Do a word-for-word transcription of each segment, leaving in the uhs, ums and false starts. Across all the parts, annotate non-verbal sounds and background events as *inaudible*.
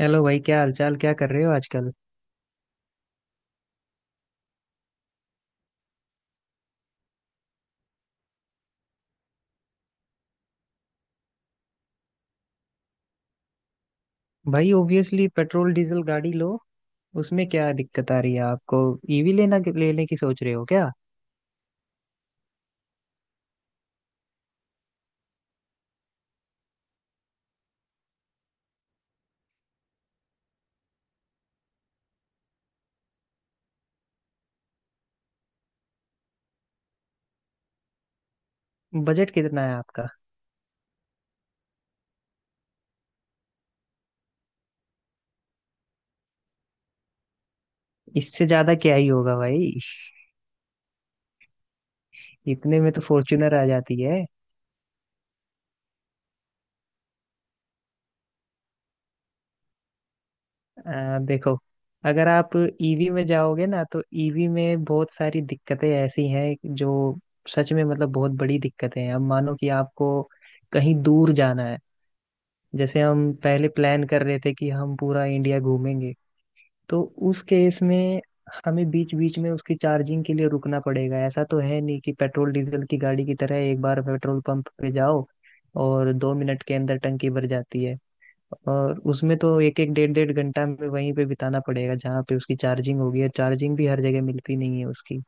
Hello भाई, क्या हालचाल? क्या कर रहे हो आजकल? भाई, ऑब्वियसली पेट्रोल डीजल गाड़ी लो। उसमें क्या दिक्कत आ रही है आपको? ईवी लेना लेने की सोच रहे हो क्या? बजट कितना है आपका? इससे ज्यादा क्या ही होगा भाई। इतने में तो फॉर्च्यूनर आ जाती है। आ, देखो, अगर आप ईवी में जाओगे ना तो ईवी में बहुत सारी दिक्कतें ऐसी हैं जो सच में, मतलब, बहुत बड़ी दिक्कतें हैं। अब मानो कि आपको कहीं दूर जाना है। जैसे हम पहले प्लान कर रहे थे कि हम पूरा इंडिया घूमेंगे, तो उस केस में हमें बीच बीच में उसकी चार्जिंग के लिए रुकना पड़ेगा। ऐसा तो है नहीं कि पेट्रोल डीजल की गाड़ी की तरह एक बार पेट्रोल पंप पे जाओ और दो मिनट के अंदर टंकी भर जाती है। और उसमें तो एक एक डेढ़ डेढ़ घंटा में वहीं पे बिताना पड़ेगा जहाँ पे उसकी चार्जिंग होगी। और चार्जिंग भी हर जगह मिलती नहीं है उसकी।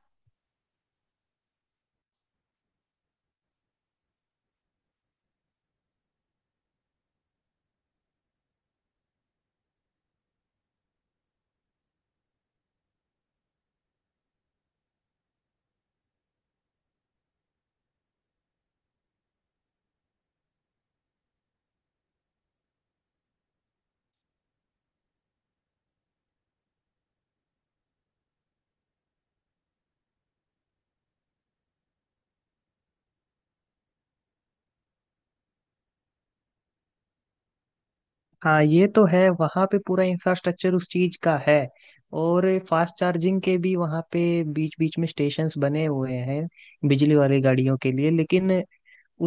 हाँ, ये तो है, वहाँ पे पूरा इंफ्रास्ट्रक्चर उस चीज का है। और फास्ट चार्जिंग के भी वहाँ पे बीच बीच में स्टेशंस बने हुए हैं बिजली वाली गाड़ियों के लिए। लेकिन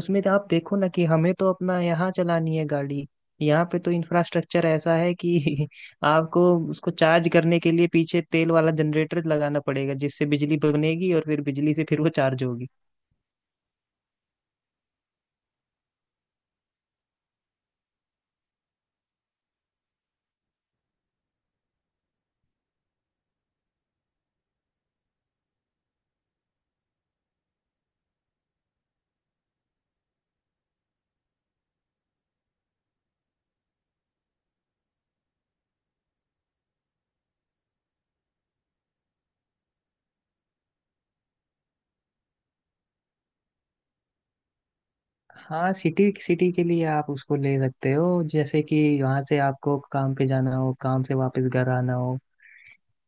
उसमें तो आप देखो ना कि हमें तो अपना यहाँ चलानी है गाड़ी। यहाँ पे तो इंफ्रास्ट्रक्चर ऐसा है कि *laughs* आपको उसको चार्ज करने के लिए पीछे तेल वाला जनरेटर लगाना पड़ेगा, जिससे बिजली बनेगी और फिर बिजली से फिर वो चार्ज होगी। हाँ, सिटी सिटी के लिए आप उसको ले सकते हो। जैसे कि वहाँ से आपको काम पे जाना हो, काम से वापस घर आना हो।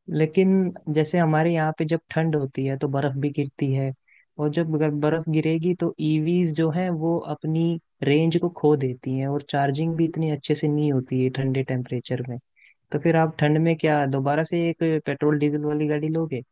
लेकिन जैसे हमारे यहाँ पे जब ठंड होती है तो बर्फ भी गिरती है। और जब अगर बर्फ गिरेगी तो ईवीज जो है वो अपनी रेंज को खो देती हैं और चार्जिंग भी इतनी अच्छे से नहीं होती है ठंडे टेम्परेचर में। तो फिर आप ठंड में क्या दोबारा से एक पेट्रोल डीजल वाली गाड़ी लोगे?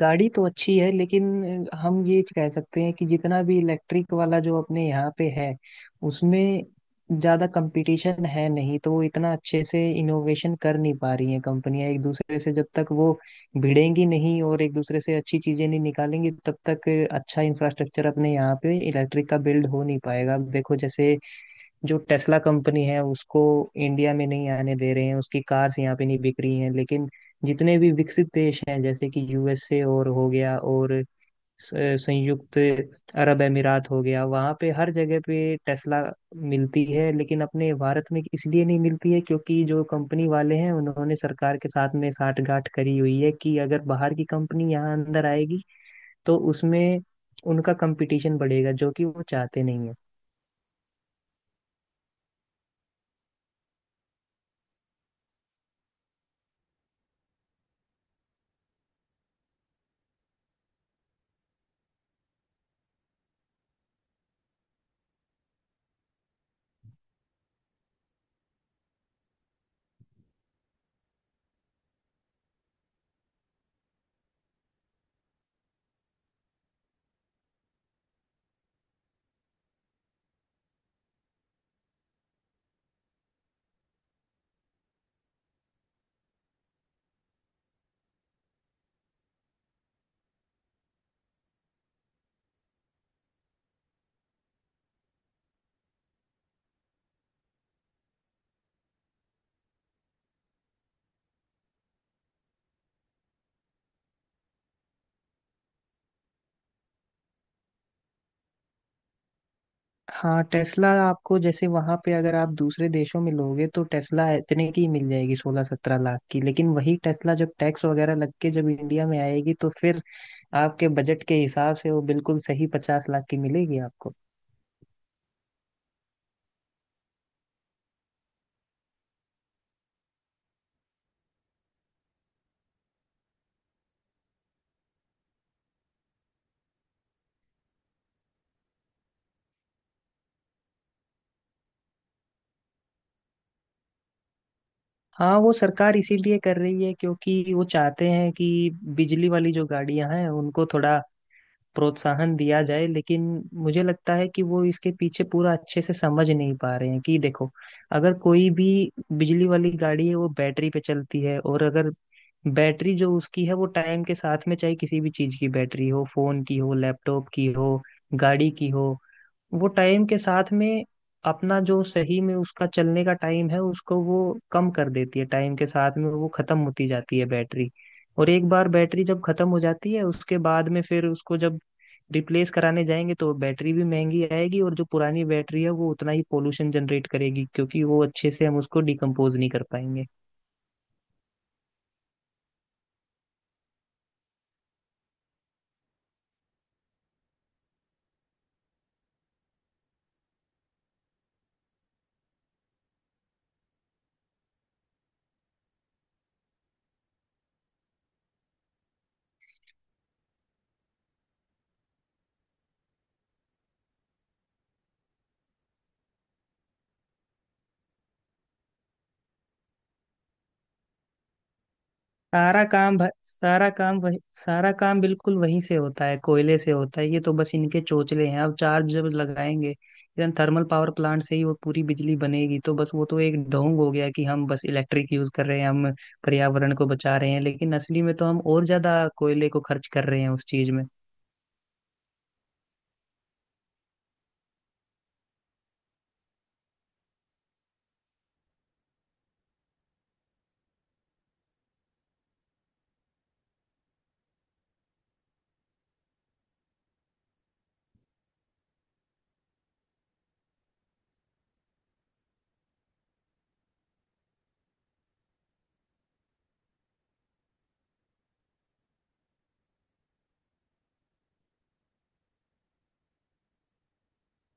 गाड़ी तो अच्छी है, लेकिन हम ये कह सकते हैं कि जितना भी इलेक्ट्रिक वाला जो अपने यहाँ पे है, उसमें ज्यादा कंपटीशन है नहीं, तो वो इतना अच्छे से इनोवेशन कर नहीं पा रही हैं कंपनियां। एक दूसरे से जब तक वो भिड़ेंगी नहीं और एक दूसरे से अच्छी चीजें नहीं निकालेंगी, तब तक अच्छा इंफ्रास्ट्रक्चर अपने यहाँ पे इलेक्ट्रिक का बिल्ड हो नहीं पाएगा। अब देखो, जैसे जो टेस्ला कंपनी है उसको इंडिया में नहीं आने दे रहे हैं, उसकी कार्स यहाँ पे नहीं बिक रही हैं। लेकिन जितने भी विकसित देश हैं, जैसे कि यूएसए और हो गया, और स- संयुक्त अरब अमीरात हो गया, वहाँ पे हर जगह पे टेस्ला मिलती है। लेकिन अपने भारत में इसलिए नहीं मिलती है क्योंकि जो कंपनी वाले हैं उन्होंने सरकार के साथ में साठगांठ करी हुई है कि अगर बाहर की कंपनी यहाँ अंदर आएगी तो उसमें उनका कंपटीशन बढ़ेगा, जो कि वो चाहते नहीं है। हाँ, टेस्ला आपको, जैसे वहां पे अगर आप दूसरे देशों में लोगे, तो टेस्ला इतने की मिल जाएगी, सोलह सत्रह लाख की। लेकिन वही टेस्ला जब टैक्स वगैरह लग के जब इंडिया में आएगी तो फिर आपके बजट के हिसाब से वो बिल्कुल सही पचास लाख की मिलेगी आपको। हाँ, वो सरकार इसीलिए कर रही है क्योंकि वो चाहते हैं कि बिजली वाली जो गाड़ियां हैं उनको थोड़ा प्रोत्साहन दिया जाए। लेकिन मुझे लगता है कि वो इसके पीछे पूरा अच्छे से समझ नहीं पा रहे हैं कि देखो, अगर कोई भी बिजली वाली गाड़ी है वो बैटरी पे चलती है। और अगर बैटरी जो उसकी है वो टाइम के साथ में, चाहे किसी भी चीज की बैटरी हो, फोन की हो, लैपटॉप की हो, गाड़ी की हो, वो टाइम के साथ में अपना जो सही में उसका चलने का टाइम है उसको वो कम कर देती है। टाइम के साथ में वो खत्म होती जाती है बैटरी। और एक बार बैटरी जब खत्म हो जाती है, उसके बाद में फिर उसको जब रिप्लेस कराने जाएंगे तो बैटरी भी महंगी आएगी। और जो पुरानी बैटरी है वो उतना ही पोल्यूशन जनरेट करेगी क्योंकि वो अच्छे से हम उसको डिकम्पोज नहीं कर पाएंगे। सारा काम भ- सारा काम वही सारा काम बिल्कुल वहीं से होता है, कोयले से होता है। ये तो बस इनके चोचले हैं। अब चार्ज जब लगाएंगे, इधर थर्मल पावर प्लांट से ही वो पूरी बिजली बनेगी, तो बस वो तो एक ढोंग हो गया कि हम बस इलेक्ट्रिक यूज कर रहे हैं, हम पर्यावरण को बचा रहे हैं। लेकिन असली में तो हम और ज्यादा कोयले को खर्च कर रहे हैं उस चीज में।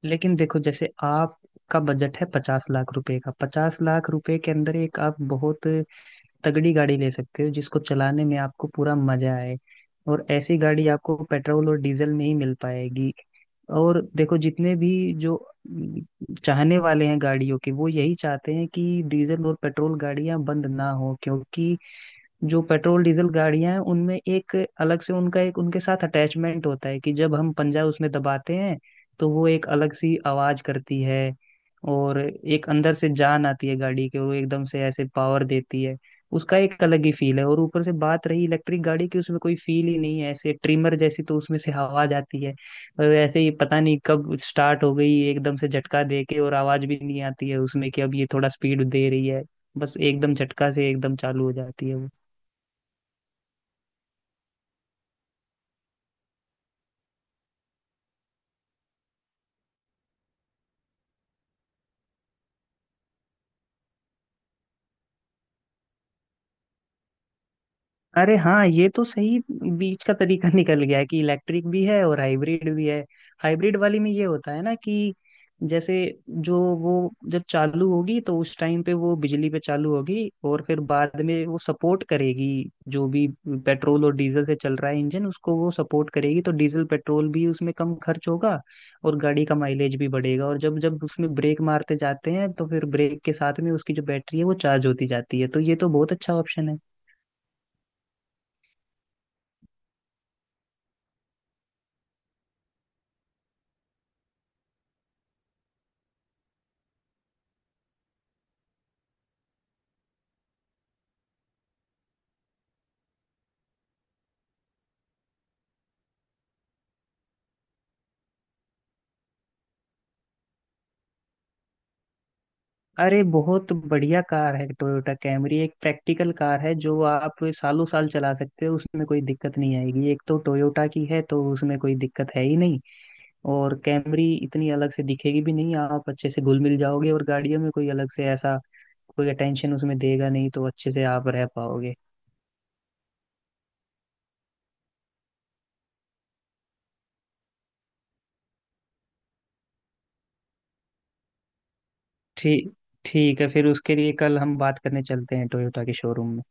लेकिन देखो, जैसे आपका बजट है पचास लाख रुपए का, पचास लाख रुपए के अंदर एक आप बहुत तगड़ी गाड़ी ले सकते हो जिसको चलाने में आपको पूरा मजा आए। और ऐसी गाड़ी आपको पेट्रोल और डीजल में ही मिल पाएगी। और देखो, जितने भी जो अम, चाहने वाले हैं गाड़ियों के, वो यही चाहते हैं कि डीजल और पेट्रोल गाड़ियां बंद ना हो। क्योंकि जो पेट्रोल डीजल गाड़ियां हैं उनमें एक अलग से उनका, एक उनके साथ अटैचमेंट होता है कि जब हम पंजा उसमें दबाते हैं तो वो एक अलग सी आवाज करती है। और एक अंदर से जान आती है गाड़ी के, वो एकदम से ऐसे पावर देती है। उसका एक अलग ही फील है। और ऊपर से बात रही इलेक्ट्रिक गाड़ी की, उसमें कोई फील ही नहीं है। ऐसे ट्रिमर जैसी तो उसमें से आवाज आती है। और ऐसे ही पता नहीं कब स्टार्ट हो गई, एकदम से झटका दे के, और आवाज भी नहीं आती है उसमें कि अब ये थोड़ा स्पीड दे रही है। बस एकदम झटका से एकदम चालू हो जाती है वो। अरे हाँ, ये तो सही बीच का तरीका *laughs* निकल गया है कि इलेक्ट्रिक भी है और हाइब्रिड भी है। हाइब्रिड वाली में ये होता है ना कि जैसे जो वो जब चालू होगी तो उस टाइम पे वो बिजली पे चालू होगी, और फिर बाद में वो सपोर्ट करेगी जो भी पेट्रोल और डीजल से चल रहा है इंजन, उसको वो सपोर्ट करेगी। तो डीजल पेट्रोल भी उसमें कम खर्च होगा और गाड़ी का माइलेज भी बढ़ेगा। और जब जब उसमें ब्रेक मारते जाते हैं तो फिर ब्रेक के साथ में उसकी जो बैटरी है वो चार्ज होती जाती है। तो ये तो बहुत अच्छा ऑप्शन है। अरे बहुत बढ़िया कार है टोयोटा कैमरी, एक प्रैक्टिकल कार है जो आप सालों साल चला सकते हो। उसमें कोई दिक्कत नहीं आएगी, एक तो टोयोटा की है तो उसमें कोई दिक्कत है ही नहीं। और कैमरी इतनी अलग से दिखेगी भी नहीं, आप अच्छे से घुल मिल जाओगे, और गाड़ियों में कोई अलग से ऐसा कोई अटेंशन उसमें देगा नहीं, तो अच्छे से आप रह पाओगे। ठीक। ठीक है, फिर उसके लिए कल हम बात करने चलते हैं टोयोटा के शोरूम में।